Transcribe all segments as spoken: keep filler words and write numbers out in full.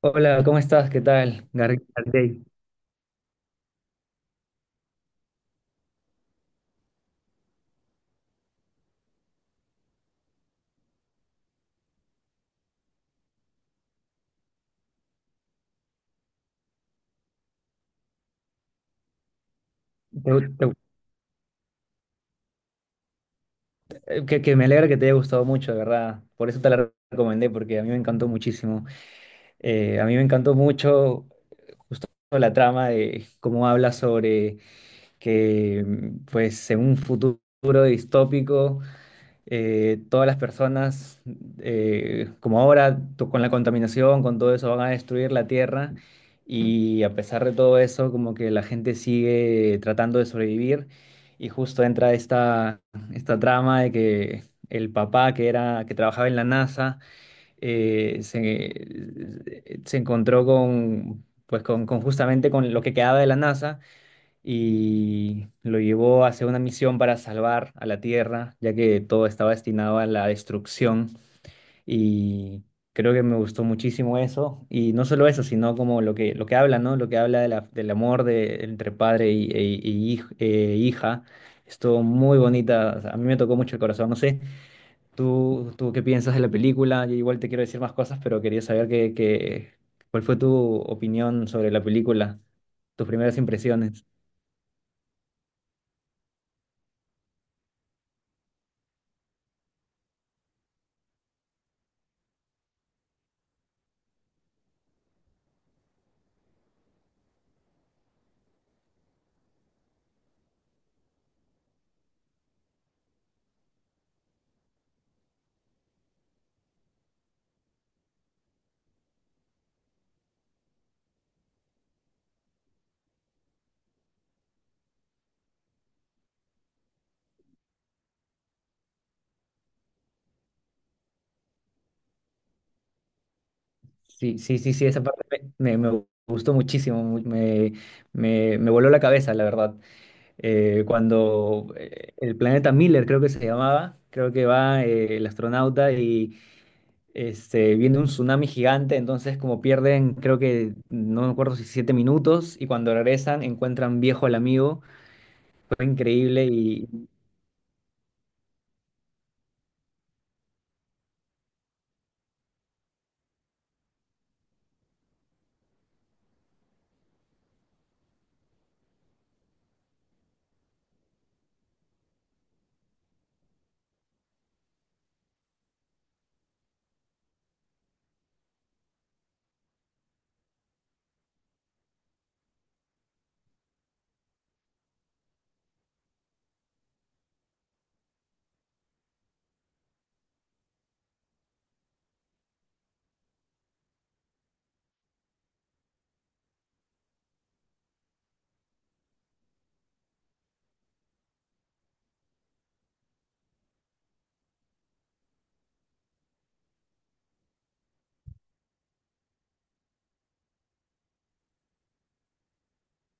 Hola, ¿cómo estás? ¿Qué tal? Gar- García? Te- gu- te- gu- eh, que, que me alegra que te haya gustado mucho, de verdad. Por eso te la recomendé, porque a mí me encantó muchísimo. Eh, a mí me encantó mucho justo la trama de cómo habla sobre que, mm, pues, en un futuro distópico, eh, todas las personas, eh, como ahora, to- con la contaminación, con todo eso, van a destruir la tierra. Y a pesar de todo eso, como que la gente sigue tratando de sobrevivir. Y justo entra esta, esta trama de que el papá que era, que trabajaba en la NASA, eh, se, se encontró con, pues con, con justamente con lo que quedaba de la NASA y lo llevó hacia una misión para salvar a la Tierra, ya que todo estaba destinado a la destrucción y creo que me gustó muchísimo eso y no solo eso, sino como lo que lo que habla, ¿no? Lo que habla de la- del amor de, entre padre y, e- y hij- e hija. Estuvo muy bonita, o sea, a mí me tocó mucho el corazón, no sé, tú, tú qué piensas de la película, yo igual te quiero decir más cosas, pero quería saber qué, qué- cuál fue tu opinión sobre la película, tus primeras impresiones. Sí, sí, sí, sí, esa parte me, me- me gustó muchísimo, mu- me, me, me voló la cabeza, la verdad. Eh, cuando eh, el planeta Miller, creo que se llamaba, creo que va eh, el astronauta y este, viene un tsunami gigante, entonces como pierden, creo que, no me acuerdo si siete minutos, y cuando regresan encuentran viejo al amigo, fue increíble y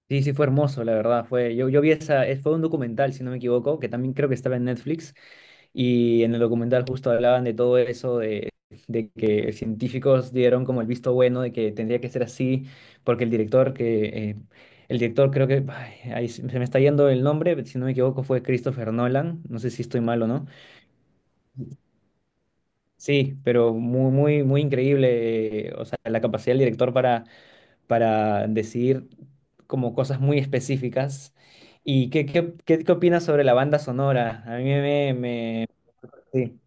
sí, sí, fue hermoso, la verdad. Fue, yo, yo vi esa, eh, fue un documental, si no me equivoco, que también creo que estaba en Netflix. Y en el documental justo hablaban de todo eso, de, de que científicos dieron como el visto bueno de que tendría que ser así, porque el director que... eh, el director creo que... ay, ahí se se me está yendo el nombre, si no me equivoco fue Christopher Nolan, no sé si estoy mal o no. Sí, pero muy, muy, muy increíble, eh, o sea, la capacidad del director para, para decidir como cosas muy específicas. ¿Y qué, qué, qué, qué opinas sobre la banda sonora? A mí me... me sí.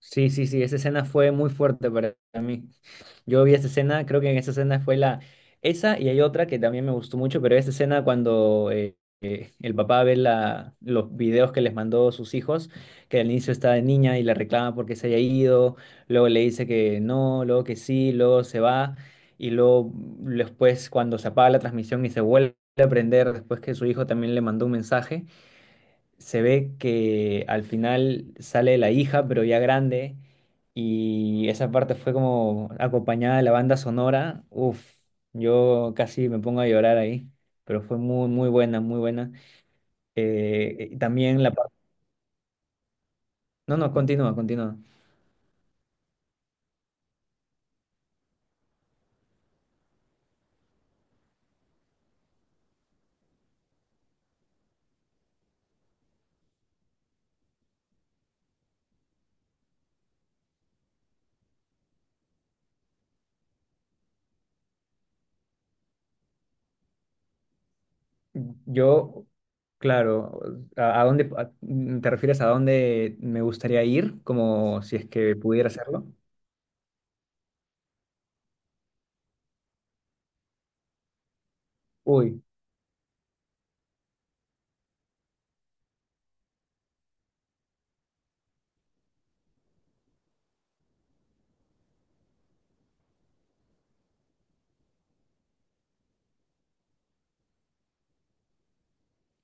Sí, sí, sí, esa escena fue muy fuerte para mí. Yo vi esa escena, creo que en esa escena fue la... Esa y hay otra que también me gustó mucho, pero esa escena cuando eh, eh, el papá ve la, los videos que les mandó sus hijos, que al inicio está de niña y la reclama porque se haya ido, luego le dice que no, luego que sí, luego se va, y luego después cuando se apaga la transmisión y se vuelve a prender, después que su hijo también le mandó un mensaje se ve que al final sale la hija, pero ya grande, y esa parte fue como acompañada de la banda sonora. Uf, yo casi me pongo a llorar ahí, pero fue muy, muy buena, muy buena. Eh, y también la parte... No, no, continúa, continúa. Yo, claro, ¿a, a dónde a- te refieres a dónde me gustaría ir? Como si es que pudiera hacerlo. Uy,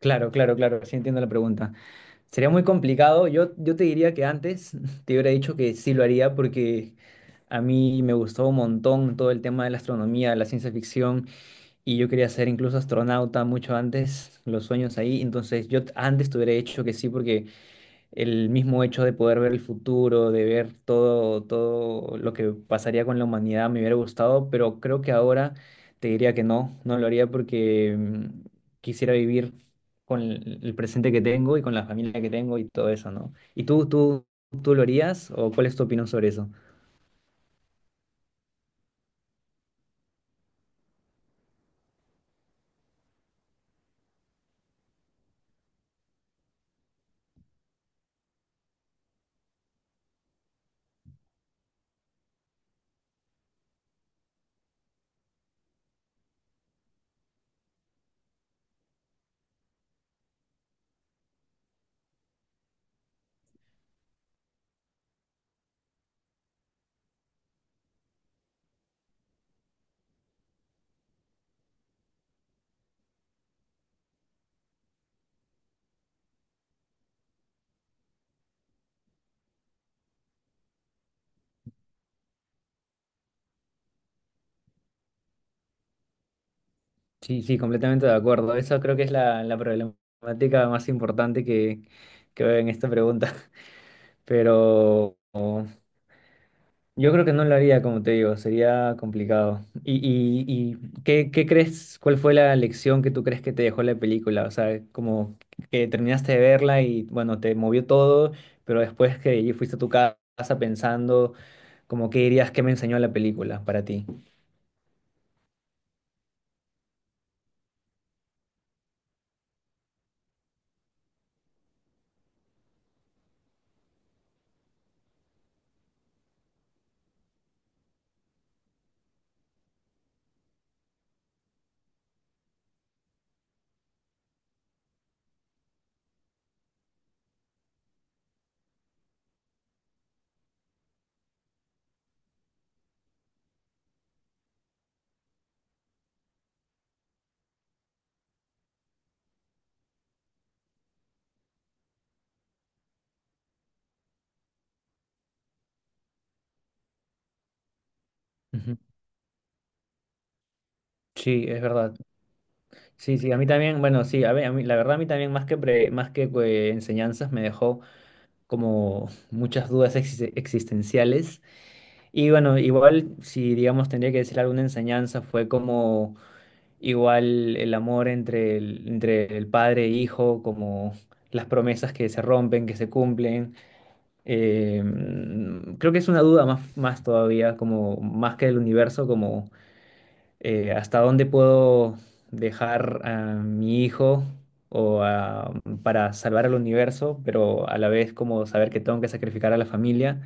claro, claro, claro, sí entiendo la pregunta. Sería muy complicado. Yo, yo te diría que antes te hubiera dicho que sí lo haría porque a mí me gustó un montón todo el tema de la astronomía, la ciencia ficción y yo quería ser incluso astronauta mucho antes, los sueños ahí. Entonces yo t- antes te hubiera dicho que sí porque el mismo hecho de poder ver el futuro, de ver todo, todo lo que pasaría con la humanidad, me hubiera gustado, pero creo que ahora te diría que no, no lo haría porque mm, quisiera vivir con el el presente que tengo y con la familia que tengo y todo eso, ¿no? ¿Y tú, tú, tú lo harías o cuál es tu opinión sobre eso? Sí, sí, completamente de acuerdo. Eso creo que es la, la problemática más importante que, que veo en esta pregunta. Pero yo creo que no lo haría, como te digo, sería complicado. ¿Y, y, y qué, qué crees, cuál fue la lección que tú crees que te dejó la película? O sea, como que terminaste de verla y bueno, te movió todo, pero después que y fuiste a tu ca- casa pensando, como qué dirías que me enseñó la película para ti. Ujú. Sí, es verdad. Sí, sí, a mí también, bueno, sí, a mí, a mí- la verdad a mí también más que, pre- más que eh, enseñanzas me dejó como muchas dudas exis- existenciales. Y bueno, igual si digamos tendría que decir alguna enseñanza, fue como igual el amor entre el, entre el padre e hijo, como las promesas que se rompen, que se cumplen. Eh, mm, creo que es una duda más, más todavía, como más que el universo, como eh, hasta dónde puedo dejar a mi hijo o a- para salvar al universo, pero a la vez como saber que tengo que sacrificar a la familia.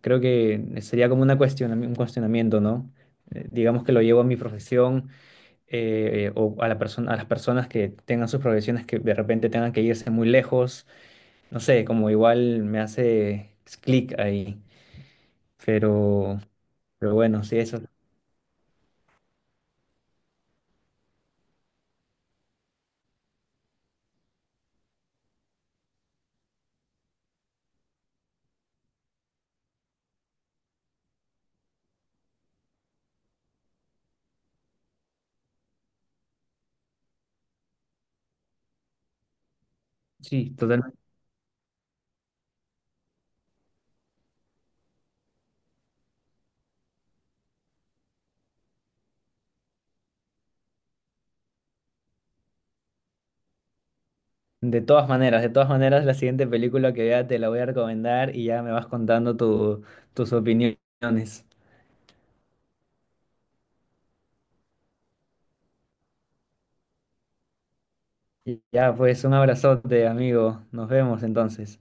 Creo que sería como una cuestiona- un cuestionamiento, ¿no? Eh, digamos que lo llevo a mi profesión eh, o a la persona, a las personas que tengan sus profesiones que de repente tengan que irse muy lejos. No sé, como igual me hace clic ahí. Pero, pero bueno, sí, eso. Sí, totalmente. De todas maneras, de todas maneras, la siguiente película que vea te la voy a recomendar y ya me vas contando tu- tus opiniones. Y ya, pues un abrazote, amigo. Nos vemos entonces.